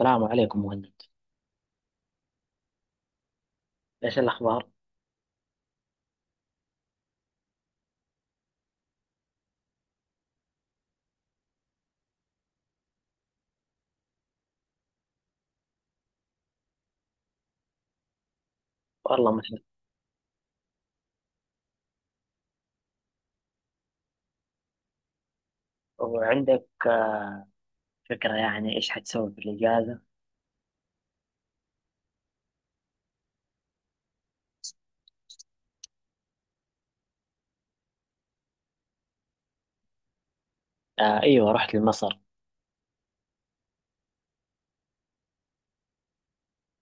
السلام عليكم مهند. ايش الاخبار؟ والله مثل. وعندك فكره يعني ايش حتسوي في الاجازه؟ آه ايوه، رحت لمصر.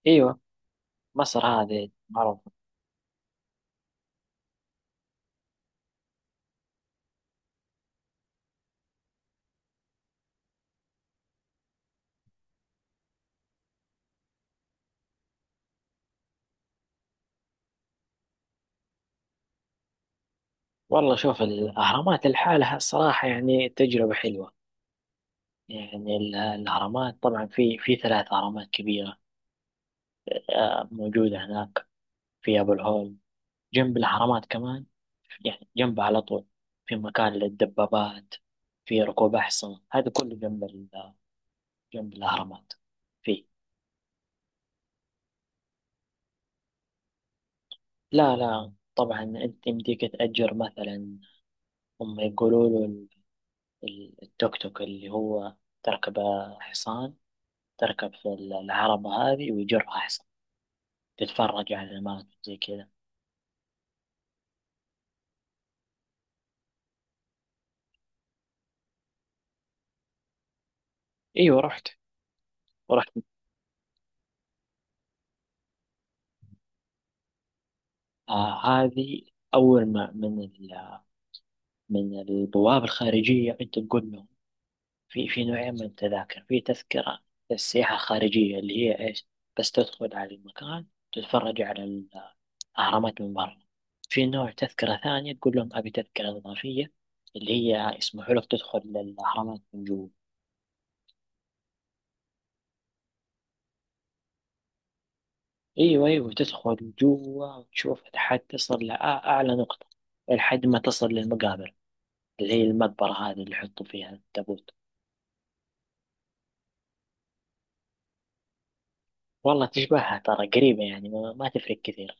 ايوه. مصر هذه معروف. والله شوف الاهرامات لحالها الصراحه، يعني تجربه حلوه. يعني الاهرامات طبعا في ثلاث اهرامات كبيره. آه، موجوده هناك. في ابو الهول جنب الاهرامات كمان، يعني جنبها على طول. في مكان للدبابات، في ركوب احصنه. هذا كله جنب جنب الاهرامات، فيه. لا لا طبعا انت يمديك تأجر مثلا. هم يقولوا له التوك توك اللي هو تركب حصان. تركب في العربة هذه ويجرها حصان. تتفرج على الماء زي كذا. ايوه رحت ورحت. آه هذه اول ما من من البوابة الخارجية انت تقول لهم. في نوعين من التذاكر. في تذكرة للسياحة الخارجية اللي هي ايش؟ بس تدخل على المكان، تتفرج على غرامات من برا. في نوع تذكرة ثانية، تقول لهم أبي تذكرة إضافية اللي هي يسمحوا لك تدخل للأهرامات من جوا. أيوة أيوة، تدخل جوا وتشوف لحد تصل لأعلى نقطة، لحد ما تصل للمقابر اللي هي المقبرة هذه اللي يحطوا فيها التابوت. والله تشبهها ترى قريبة، يعني ما تفرق كثير.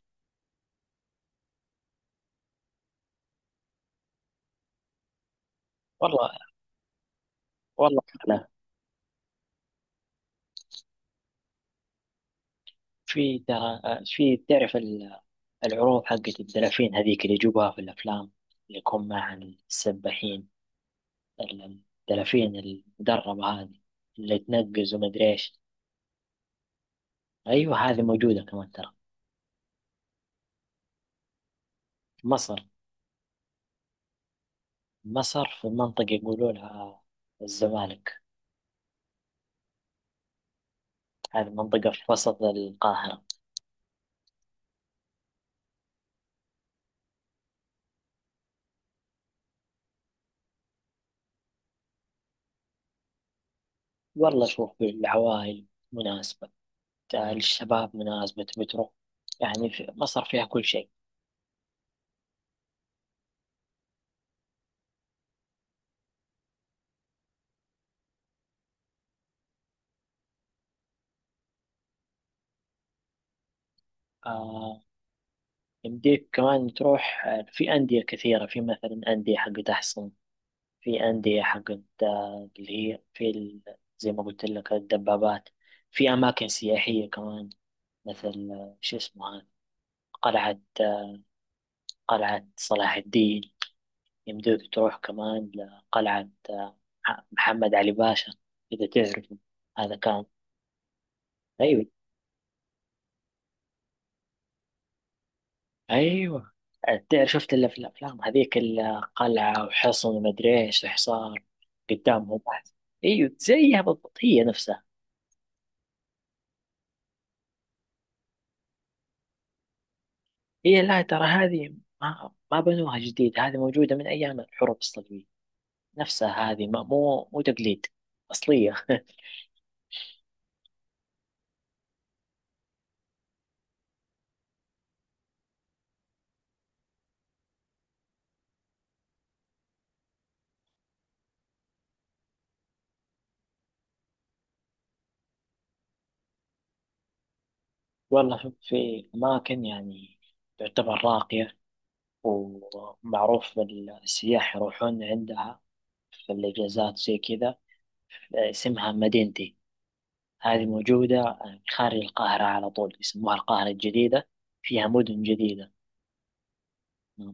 والله. والله لا. في ترى، في تعرف العروض حقت الدلافين هذيك اللي يجيبوها في الأفلام اللي يكون معها السباحين الدلافين المدربة هذه اللي تنقز ومدري ايش. ايوه، هذه موجودة كمان ترى. مصر. مصر في منطقة يقولوا لها الزمالك. هذه منطقة في وسط القاهرة. والله شوف، العوائل مناسبة، الشباب مناسبة بتروح. يعني في مصر فيها كل شيء. آه، يمديك كمان تروح، في أندية كثيرة. في مثلا أندية حقت أحسن. في أندية حقت، اللي هي في زي ما قلت لك الدبابات. في أماكن سياحية كمان، مثل شو اسمها هذه؟ قلعة، قلعة صلاح الدين. يمديك تروح كمان لقلعة، محمد علي باشا، إذا تعرفه. هذا كان. أيوة أيوة. تعرف شفت إلا في الأفلام هذيك، القلعة وحصن ومدري إيش وحصار قدامهم. أيوة زيها بالضبط، هي نفسها. هي لا ترى هذه ما بنوها جديد. هذه موجودة من أيام الحروب الصليبية، نفسها هذه. مو تقليد، أصلية. والله في أماكن يعني تعتبر راقية ومعروف السياح يروحون عندها في الإجازات زي كذا. اسمها مدينتي. هذه موجودة خارج القاهرة على طول، يسموها القاهرة الجديدة. فيها مدن جديدة،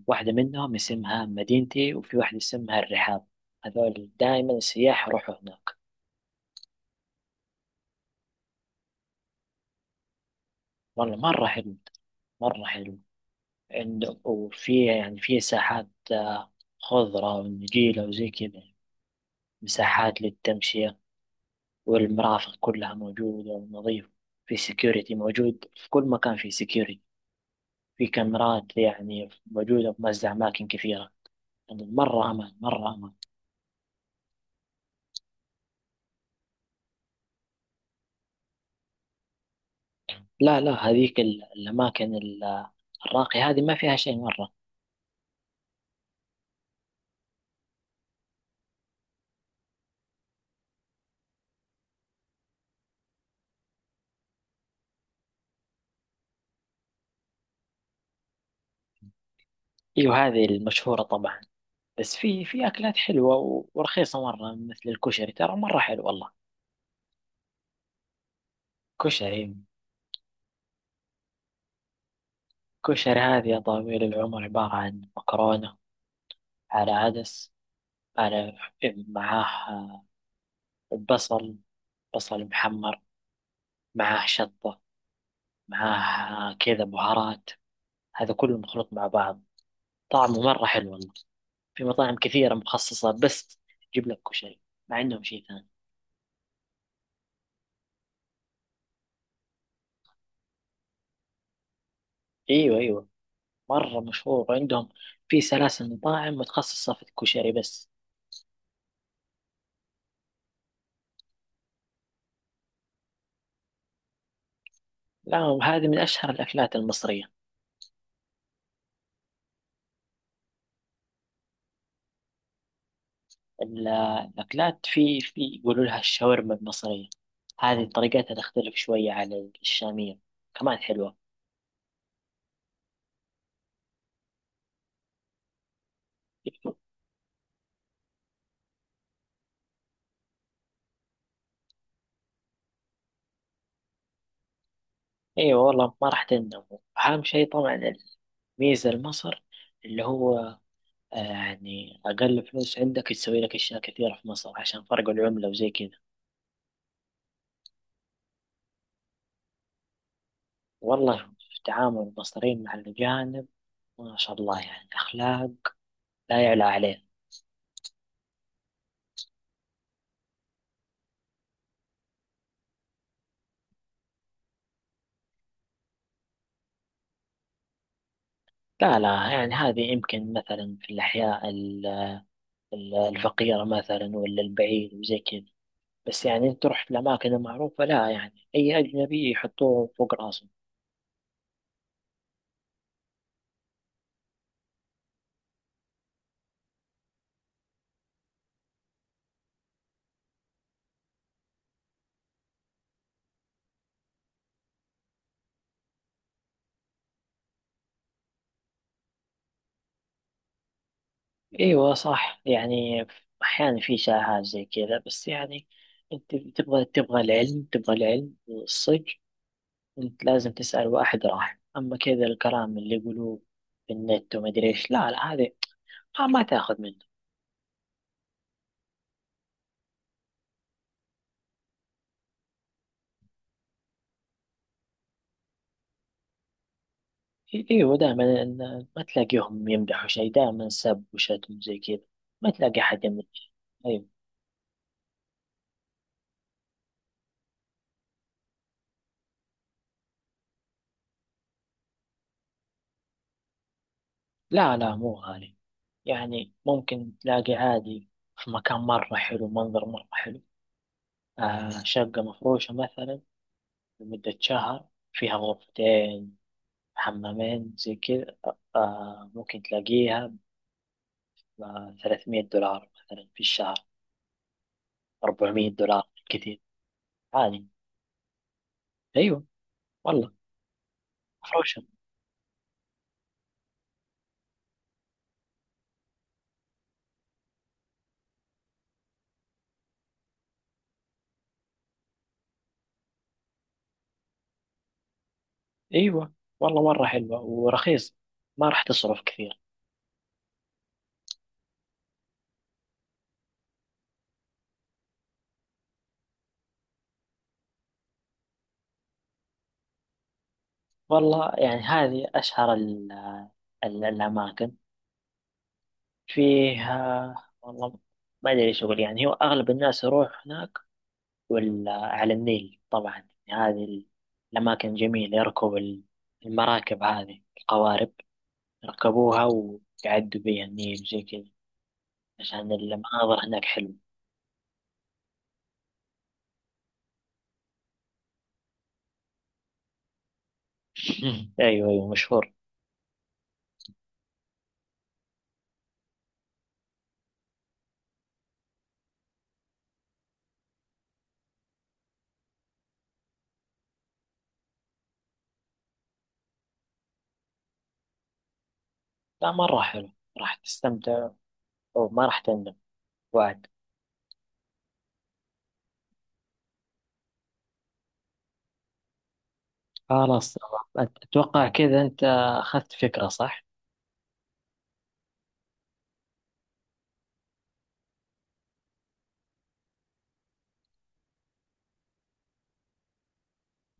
واحدة منهم اسمها مدينتي، وفي واحدة اسمها الرحاب. هذول دائما السياح يروحوا هناك. والله مرة حلو مرة حلو. وفي يعني في ساحات خضرة ونجيلة وزي كذا، مساحات للتمشية. والمرافق كلها موجودة ونظيفة. في سكيورتي موجود في كل مكان، في سكيورتي، في كاميرات يعني موجودة في مزة أماكن كثيرة. يعني مرة أمان مرة أمان. لا لا، هذيك الأماكن الراقية هذه ما فيها شيء مرة. أيوة هذه المشهورة طبعا. بس في أكلات حلوة ورخيصة مرة، مثل الكشري ترى مرة حلو والله. كشري. كشري هذه يا طويل العمر عبارة عن مكرونة، على عدس، على، معاه بصل، بصل محمر، معاه شطة، معاه كذا بهارات. هذا كله مخلوط مع بعض. طعمه مرة حلو والله. في مطاعم كثيرة مخصصة بس تجيب لك كشري، ما عندهم شيء ثاني. ايوه ايوه، مرة مشهور عندهم. في سلاسل مطاعم متخصصة في الكشري بس. لا هذه من أشهر الأكلات المصرية. ال- الأكلات، في يقولوا لها الشاورما المصرية. هذه طريقتها تختلف شوية عن الشامية، كمان حلوة. أيوة والله ما راح تندم. أهم شيء طبعا الميزة لمصر اللي هو، يعني أقل فلوس عندك يسوي لك أشياء كثيرة في مصر، عشان فرق العملة وزي كذا. والله في تعامل المصريين مع الأجانب، ما شاء الله يعني أخلاق لا يعلى عليه. لا لا، يعني هذه يمكن مثلا في الأحياء الفقيرة مثلا، ولا البعيد وزي كذا، بس يعني انت رحت لأماكن معروفة، لا يعني أي أجنبي يحطوه فوق راسهم. أيوة صح، يعني أحيانا في شائعات زي كذا، بس يعني انت تبغى العلم والصدق. انت لازم تسأل واحد راح أما كذا الكلام اللي يقولوه في النت ومدري ايش. لا لا هذه ما تاخذ منه. ايوه دائما، ما تلاقيهم يمدحوا شيء، دائما سب وشتم زي كذا. ما تلاقي أحد يمدح. أيوة. لا لا مو غالي. يعني ممكن تلاقي عادي، في مكان مرة حلو، منظر مرة حلو. آه شقة مفروشة مثلا لمدة شهر، فيها غرفتين حمامين زي كذا. آه ممكن تلاقيها ب 300 دولار مثلا في الشهر. 400 دولار كثير. عادي. أيوة والله مفروشة. أيوة والله مرة حلوة ورخيص، ما راح تصرف كثير. والله يعني هذه أشهر الأماكن فيه. والله ما أدري إيش أقول. يعني هو أغلب الناس يروح هناك ولا على النيل طبعا، يعني هذه الأماكن جميلة. يركب المراكب هذه القوارب، يركبوها ويعدوا بيها النيل زي كذا، عشان المناظر هناك حلوة. أيوه أيوه مشهور. لا مرة حلو، راح تستمتع وما راح تندم. وعد. خلاص تمام. أتوقع كذا. أنت أخذت فكرة صح؟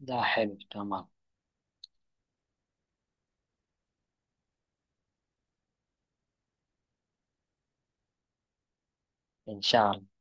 لا حلو تمام، إن شاء الله.